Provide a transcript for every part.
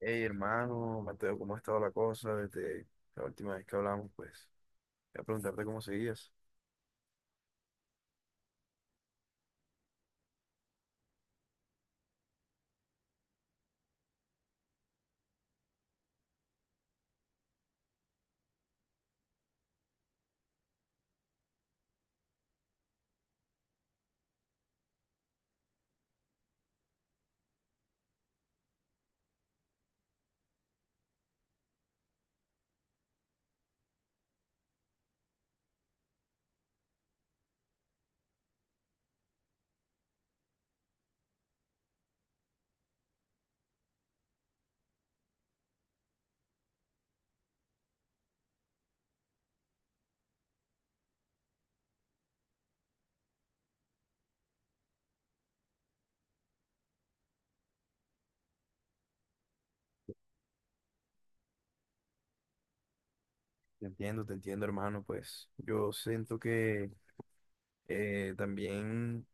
Hey, hermano, Mateo, ¿cómo ha estado la cosa desde la última vez que hablamos? Pues, voy a preguntarte cómo seguías. Te entiendo, hermano. Pues, yo siento que también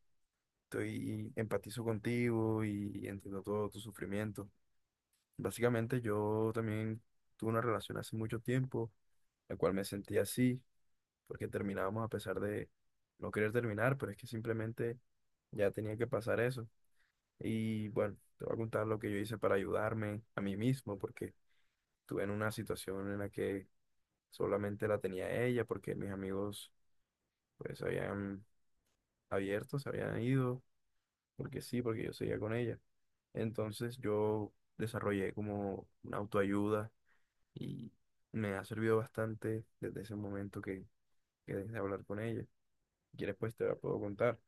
estoy empatizo contigo y entiendo todo tu sufrimiento. Básicamente, yo también tuve una relación hace mucho tiempo, la cual me sentí así, porque terminábamos a pesar de no querer terminar, pero es que simplemente ya tenía que pasar eso. Y bueno, te voy a contar lo que yo hice para ayudarme a mí mismo, porque estuve en una situación en la que solamente la tenía ella, porque mis amigos pues habían abierto, se habían ido, porque sí, porque yo seguía con ella. Entonces yo desarrollé como una autoayuda y me ha servido bastante desde ese momento que dejé de hablar con ella. Si quieres, pues te la puedo contar.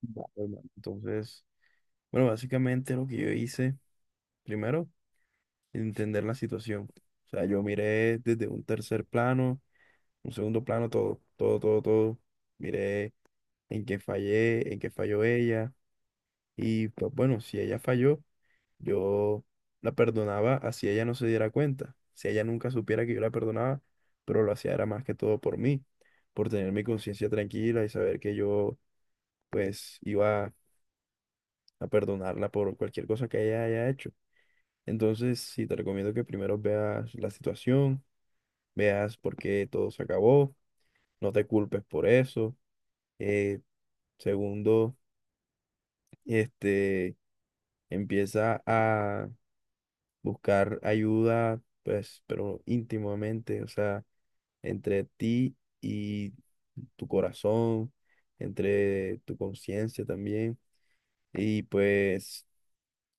Vale, hermano. Entonces, bueno, básicamente lo que yo hice, primero, entender la situación. O sea, yo miré desde un tercer plano, un segundo plano, todo, todo, todo, todo. Miré en qué fallé, en qué falló ella. Y pues bueno, si ella falló, yo la perdonaba así ella no se diera cuenta. Si ella nunca supiera que yo la perdonaba, pero lo hacía era más que todo por mí, por tener mi conciencia tranquila y saber que yo pues iba a perdonarla por cualquier cosa que ella haya hecho. Entonces, sí, te recomiendo que primero veas la situación, veas por qué todo se acabó, no te culpes por eso. Eh, Segundo, este, empieza a buscar ayuda, pues, pero íntimamente, o sea, entre ti y tu corazón, entre tu conciencia también. Y pues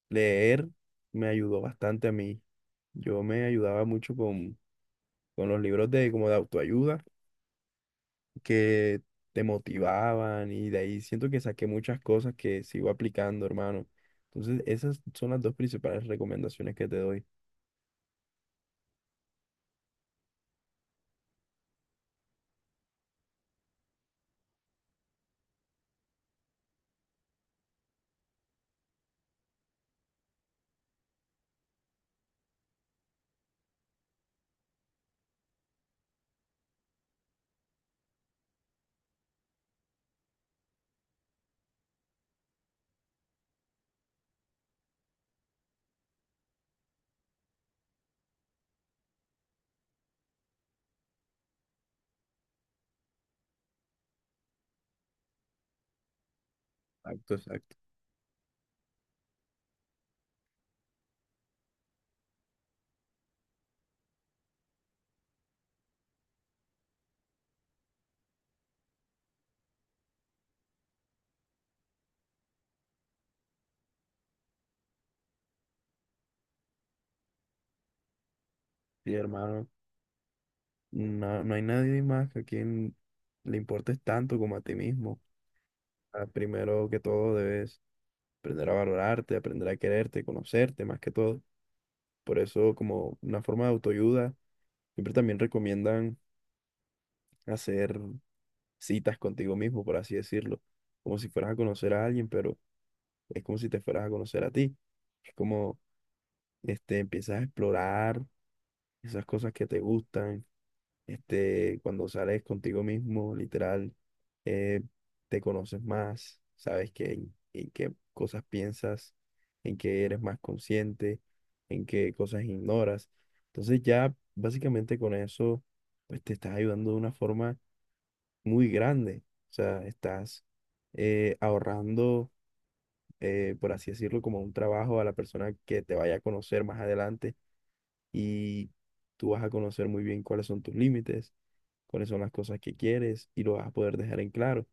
leer me ayudó bastante a mí. Yo me ayudaba mucho con los libros de como de autoayuda que te motivaban y de ahí siento que saqué muchas cosas que sigo aplicando, hermano. Entonces, esas son las dos principales recomendaciones que te doy. Exacto, exacto. Sí, hermano, no, no hay nadie más que a quien le importes tanto como a ti mismo. Ah, primero que todo debes aprender a valorarte, aprender a quererte, conocerte más que todo. Por eso, como una forma de autoayuda, siempre también recomiendan hacer citas contigo mismo, por así decirlo, como si fueras a conocer a alguien, pero es como si te fueras a conocer a ti. Es como, este, empiezas a explorar esas cosas que te gustan. Este, cuando sales contigo mismo, literal, eh, te conoces más, sabes en qué cosas piensas, en qué eres más consciente, en qué cosas ignoras. Entonces ya básicamente con eso, pues te estás ayudando de una forma muy grande. O sea, estás ahorrando por así decirlo, como un trabajo a la persona que te vaya a conocer más adelante y tú vas a conocer muy bien cuáles son tus límites, cuáles son las cosas que quieres y lo vas a poder dejar en claro.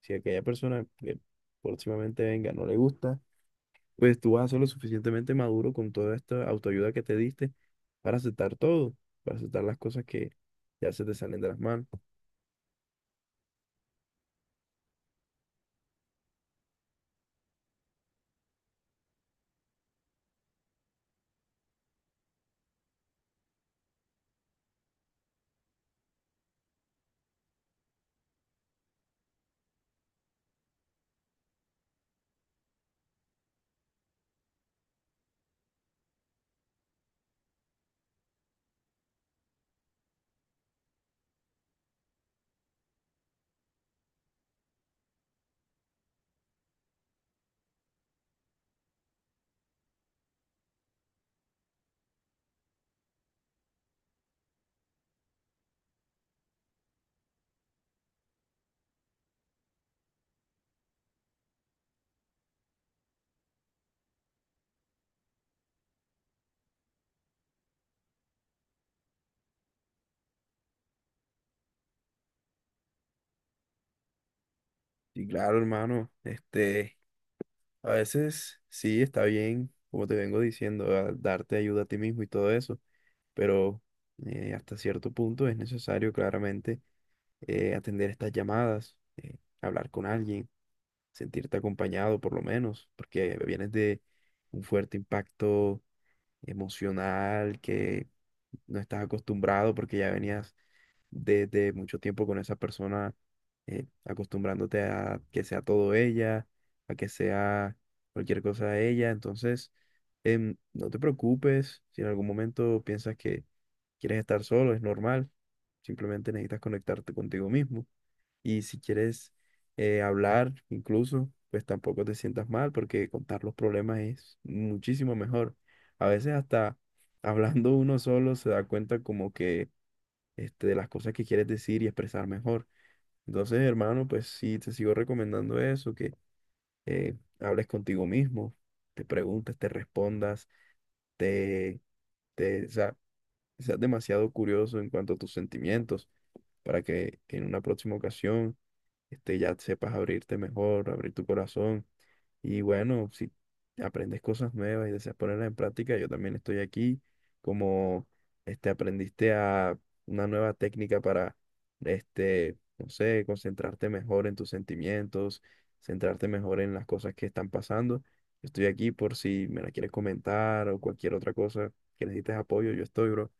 Si aquella persona que próximamente venga no le gusta, pues tú vas a ser lo suficientemente maduro con toda esta autoayuda que te diste para aceptar todo, para aceptar las cosas que ya se te salen de las manos. Y claro, hermano, este, a veces sí está bien, como te vengo diciendo, a- darte ayuda a ti mismo y todo eso, pero hasta cierto punto es necesario claramente atender estas llamadas, hablar con alguien, sentirte acompañado por lo menos, porque vienes de un fuerte impacto emocional que no estás acostumbrado porque ya venías desde mucho tiempo con esa persona, acostumbrándote a que sea todo ella, a que sea cualquier cosa de ella, entonces no te preocupes si en algún momento piensas que quieres estar solo, es normal. Simplemente necesitas conectarte contigo mismo. Y si quieres hablar, incluso, pues tampoco te sientas mal porque contar los problemas es muchísimo mejor. A veces hasta hablando uno solo se da cuenta como que este, de las cosas que quieres decir y expresar mejor. Entonces, hermano, pues sí, te sigo recomendando eso, que hables contigo mismo, te preguntes, te respondas, te, o sea, seas demasiado curioso en cuanto a tus sentimientos, para que en una próxima ocasión este, ya sepas abrirte mejor, abrir tu corazón. Y bueno, si aprendes cosas nuevas y deseas ponerlas en práctica, yo también estoy aquí. Como este, aprendiste a una nueva técnica para, este, no sé, concentrarte mejor en tus sentimientos, centrarte mejor en las cosas que están pasando. Estoy aquí por si me la quieres comentar o cualquier otra cosa que necesites apoyo, yo estoy, bro.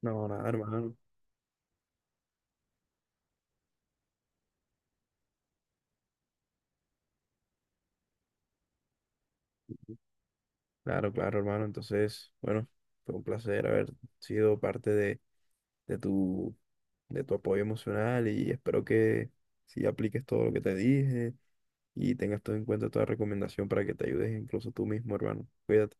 No, nada, hermano. Claro, claro, hermano. Entonces, bueno, fue un placer haber sido parte de tu, de tu apoyo emocional y espero que sí apliques todo lo que te dije y tengas todo en cuenta toda recomendación para que te ayudes incluso tú mismo, hermano. Cuídate.